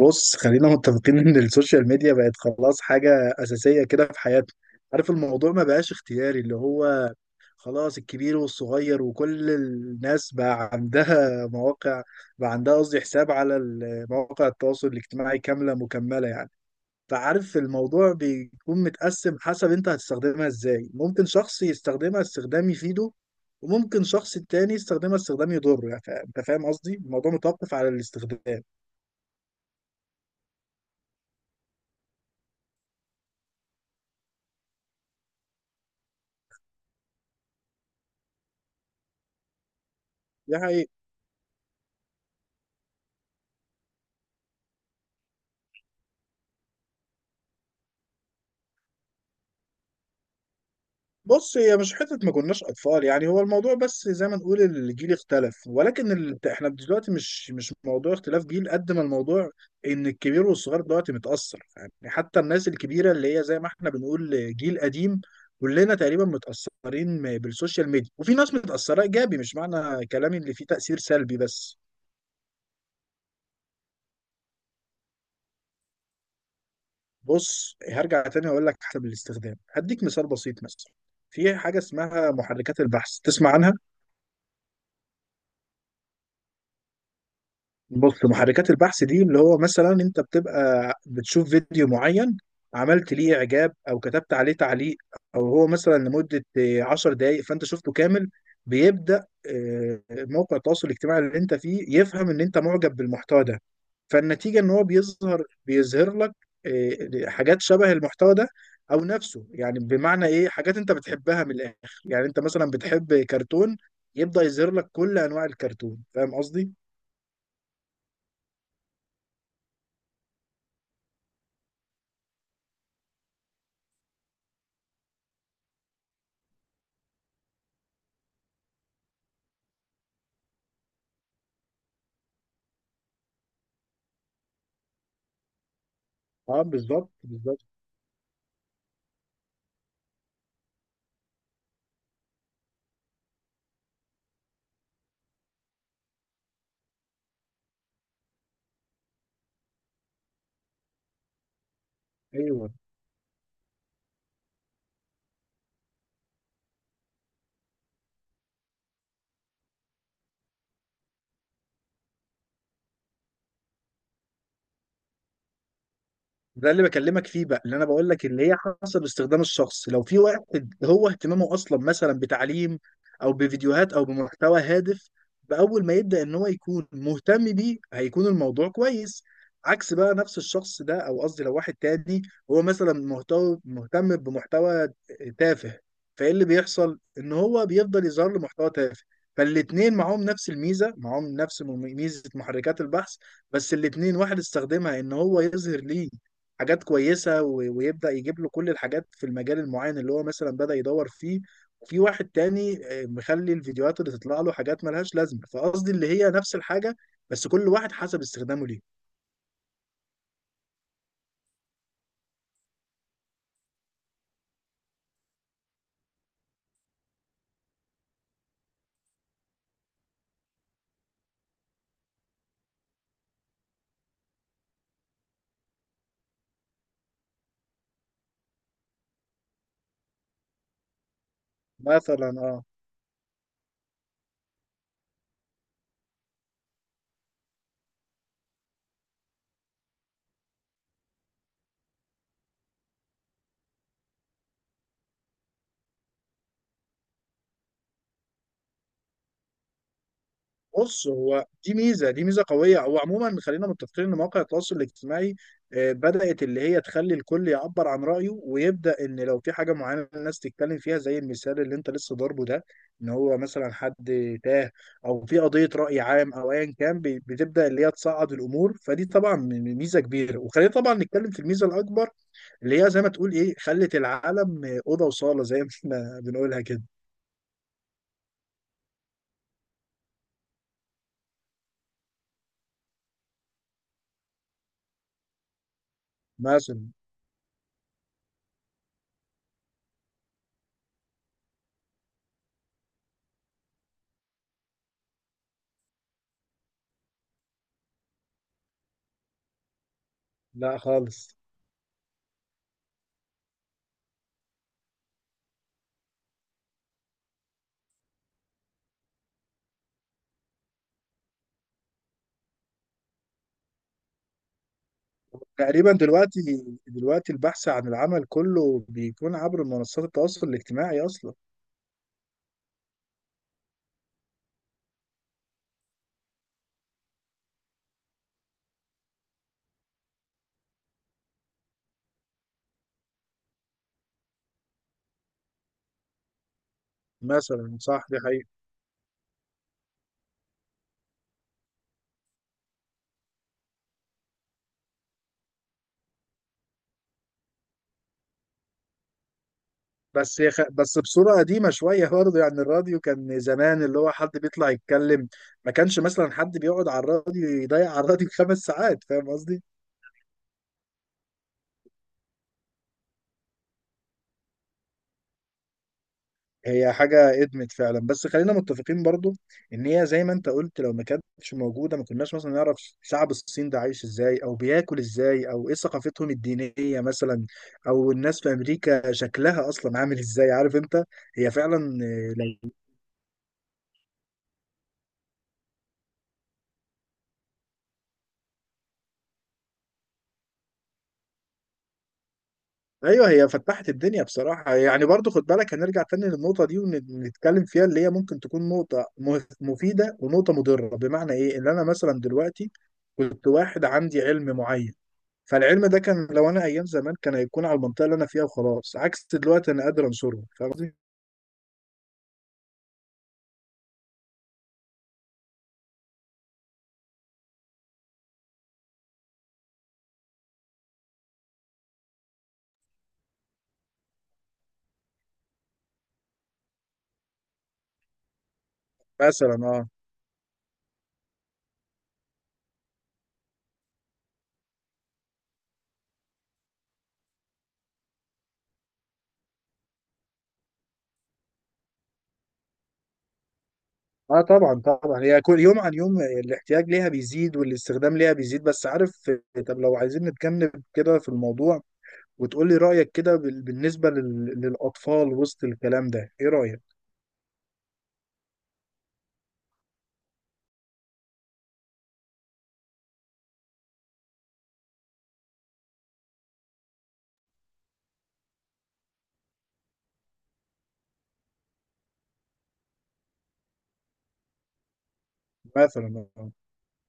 بص، خلينا متفقين ان السوشيال ميديا بقت خلاص حاجة أساسية كده في حياتنا. عارف الموضوع ما بقاش اختياري، اللي هو خلاص الكبير والصغير وكل الناس بقى عندها مواقع، بقى عندها قصدي حساب على مواقع التواصل الاجتماعي كاملة مكملة يعني. فعارف الموضوع بيكون متقسم حسب انت هتستخدمها ازاي، ممكن شخص يستخدمها استخدام يفيده وممكن شخص تاني يستخدمها استخدام يضره يعني. انت فاهم قصدي، الموضوع متوقف على الاستخدام. دي حقيقة. بص، هي مش حتة ما كناش أطفال يعني، هو الموضوع بس زي ما نقول الجيل اختلف، ولكن احنا دلوقتي مش موضوع اختلاف جيل قد ما الموضوع إن الكبير والصغير دلوقتي متأثر. يعني حتى الناس الكبيرة اللي هي زي ما احنا بنقول جيل قديم، كلنا تقريبا متأثرين بالسوشيال ميديا، وفي ناس متأثرة إيجابي، مش معنى كلامي اللي فيه تأثير سلبي بس. بص، هرجع تاني أقول لك، حسب الاستخدام هديك مثال بسيط مثلا. في حاجة اسمها محركات البحث، تسمع عنها؟ بص، محركات البحث دي اللي هو مثلا انت بتبقى بتشوف فيديو معين، عملت ليه اعجاب او كتبت عليه تعليق، او هو مثلا لمدة 10 دقائق فانت شفته كامل. بيبدأ موقع التواصل الاجتماعي اللي انت فيه يفهم ان انت معجب بالمحتوى ده. فالنتيجة ان هو بيظهر لك حاجات شبه المحتوى ده، او نفسه يعني، بمعنى ايه، حاجات انت بتحبها من الاخر. يعني انت مثلا بتحب كرتون، يبدأ يظهر لك كل انواع الكرتون، فاهم قصدي؟ اه، بالظبط بالظبط. ايوه، ده اللي بكلمك فيه بقى، اللي انا بقول لك اللي هي حسب استخدام الشخص، لو في واحد هو اهتمامه اصلا مثلا بتعليم او بفيديوهات او بمحتوى هادف، باول ما يبدا ان هو يكون مهتم بيه هيكون الموضوع كويس. عكس بقى نفس الشخص ده، او قصدي لو واحد تاني هو مثلا مهتم بمحتوى تافه، فايه اللي بيحصل ان هو بيفضل يظهر له محتوى تافه. فالاتنين معاهم نفس الميزه، معاهم نفس ميزه محركات البحث. بس الاتنين، واحد استخدمها ان هو يظهر ليه حاجات كويسة ويبدأ يجيب له كل الحاجات في المجال المعين اللي هو مثلا بدأ يدور فيه. وفي واحد تاني مخلي الفيديوهات اللي تطلع له حاجات ملهاش لازمة، فقصدي اللي هي نفس الحاجة، بس كل واحد حسب استخدامه ليه. مثلا، آه. بص، هو دي ميزه قويه. هو عموما خلينا متفقين ان مواقع التواصل الاجتماعي بدات اللي هي تخلي الكل يعبر عن رايه، ويبدا ان لو في حاجه معينه الناس تتكلم فيها، زي المثال اللي انت لسه ضاربه ده، ان هو مثلا حد تاه، او في قضيه راي عام، او ايا كان بتبدا اللي هي تصعد الامور. فدي طبعا ميزه كبيره. وخلينا طبعا نتكلم في الميزه الاكبر، اللي هي زي ما تقول ايه، خلت العالم اوضه وصاله زي ما احنا بنقولها كده. مثلا. لا خالص. تقريبا دلوقتي البحث عن العمل كله بيكون عبر منصات التواصل الاجتماعي اصلا. مثلا صح، دي حقيقة. بس بصورة قديمة شوية برضه يعني، الراديو كان زمان اللي هو حد بيطلع يتكلم، ما كانش مثلا حد بيقعد على الراديو يضيع على الراديو 5 ساعات. فاهم قصدي؟ هي حاجة ادمت فعلا، بس خلينا متفقين برضو ان هي زي ما انت قلت، لو ما كانتش موجودة ما كناش مثلا نعرف شعب الصين ده عايش ازاي او بياكل ازاي او ايه ثقافتهم الدينية مثلا، او الناس في امريكا شكلها اصلا عامل ازاي. عارف انت؟ هي فعلا. لو. ايوه، هي فتحت الدنيا بصراحة يعني. برضو خد بالك، هنرجع تاني للنقطة دي ونتكلم فيها، اللي هي ممكن تكون نقطة مفيدة ونقطة مضرة. بمعنى ايه، ان انا مثلا دلوقتي كنت واحد عندي علم معين، فالعلم ده كان لو انا ايام زمان كان هيكون على المنطقه اللي انا فيها وخلاص، عكس دلوقتي انا قادر انشره. فاهم قصدي؟ مثلا، اه. اه طبعا طبعا، هي كل يوم عن يوم الاحتياج ليها بيزيد والاستخدام ليها بيزيد. بس عارف، طب لو عايزين نتجنب كده في الموضوع، وتقول لي رايك كده بالنسبه للاطفال وسط الكلام ده، ايه رايك؟ مثلا، آه.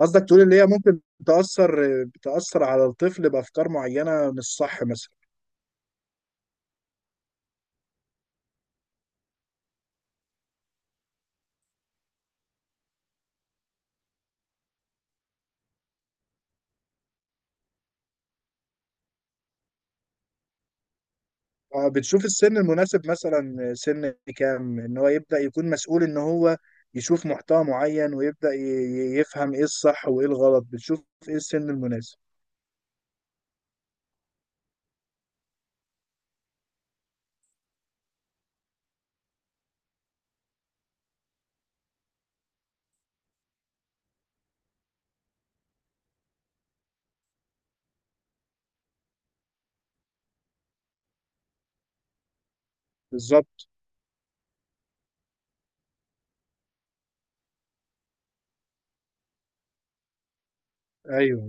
قصدك تقول اللي هي ممكن تاثر على الطفل بافكار معينه، مش صح مثلا؟ بتشوف السن المناسب؟ مثلا سن كام ان هو يبدأ يكون مسؤول ان هو يشوف محتوى معين، ويبدأ يفهم ايه الصح وايه الغلط؟ بتشوف ايه السن المناسب؟ بالظبط. ايوه،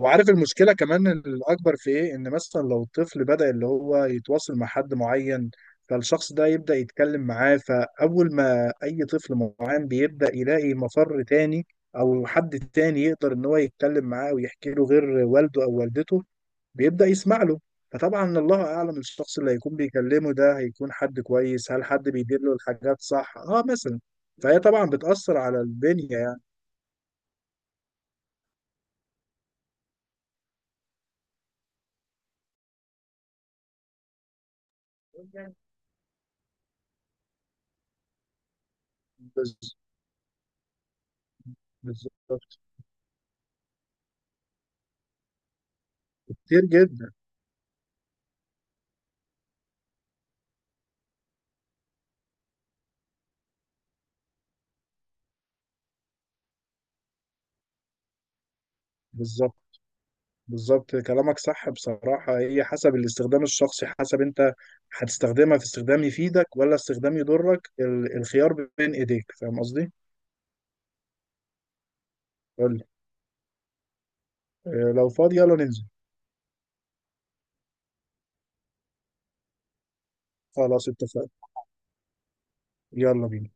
وعارف المشكلة كمان الاكبر في ايه؟ ان مثلا لو الطفل بدأ اللي هو يتواصل مع حد معين، فالشخص ده يبدأ يتكلم معاه، فاول ما اي طفل معين بيبدأ يلاقي مفر تاني او حد تاني يقدر ان هو يتكلم معاه ويحكي له غير والده او والدته، بيبدأ يسمع له. فطبعا الله اعلم، الشخص اللي هيكون بيكلمه ده هيكون حد كويس؟ هل حد بيدله الحاجات صح؟ اه مثلا. فهي طبعا بتأثر على البنية يعني. بز- بالظبط. كتير جدا. بالظبط بالظبط، كلامك صح بصراحة. هي حسب الاستخدام الشخصي، حسب انت هتستخدمها في استخدام يفيدك ولا استخدام يضرك، الخيار بين ايديك، فاهم قصدي؟ قول لي. آه، لو فاضي يلا ننزل. خلاص اتفقنا. يلا بينا.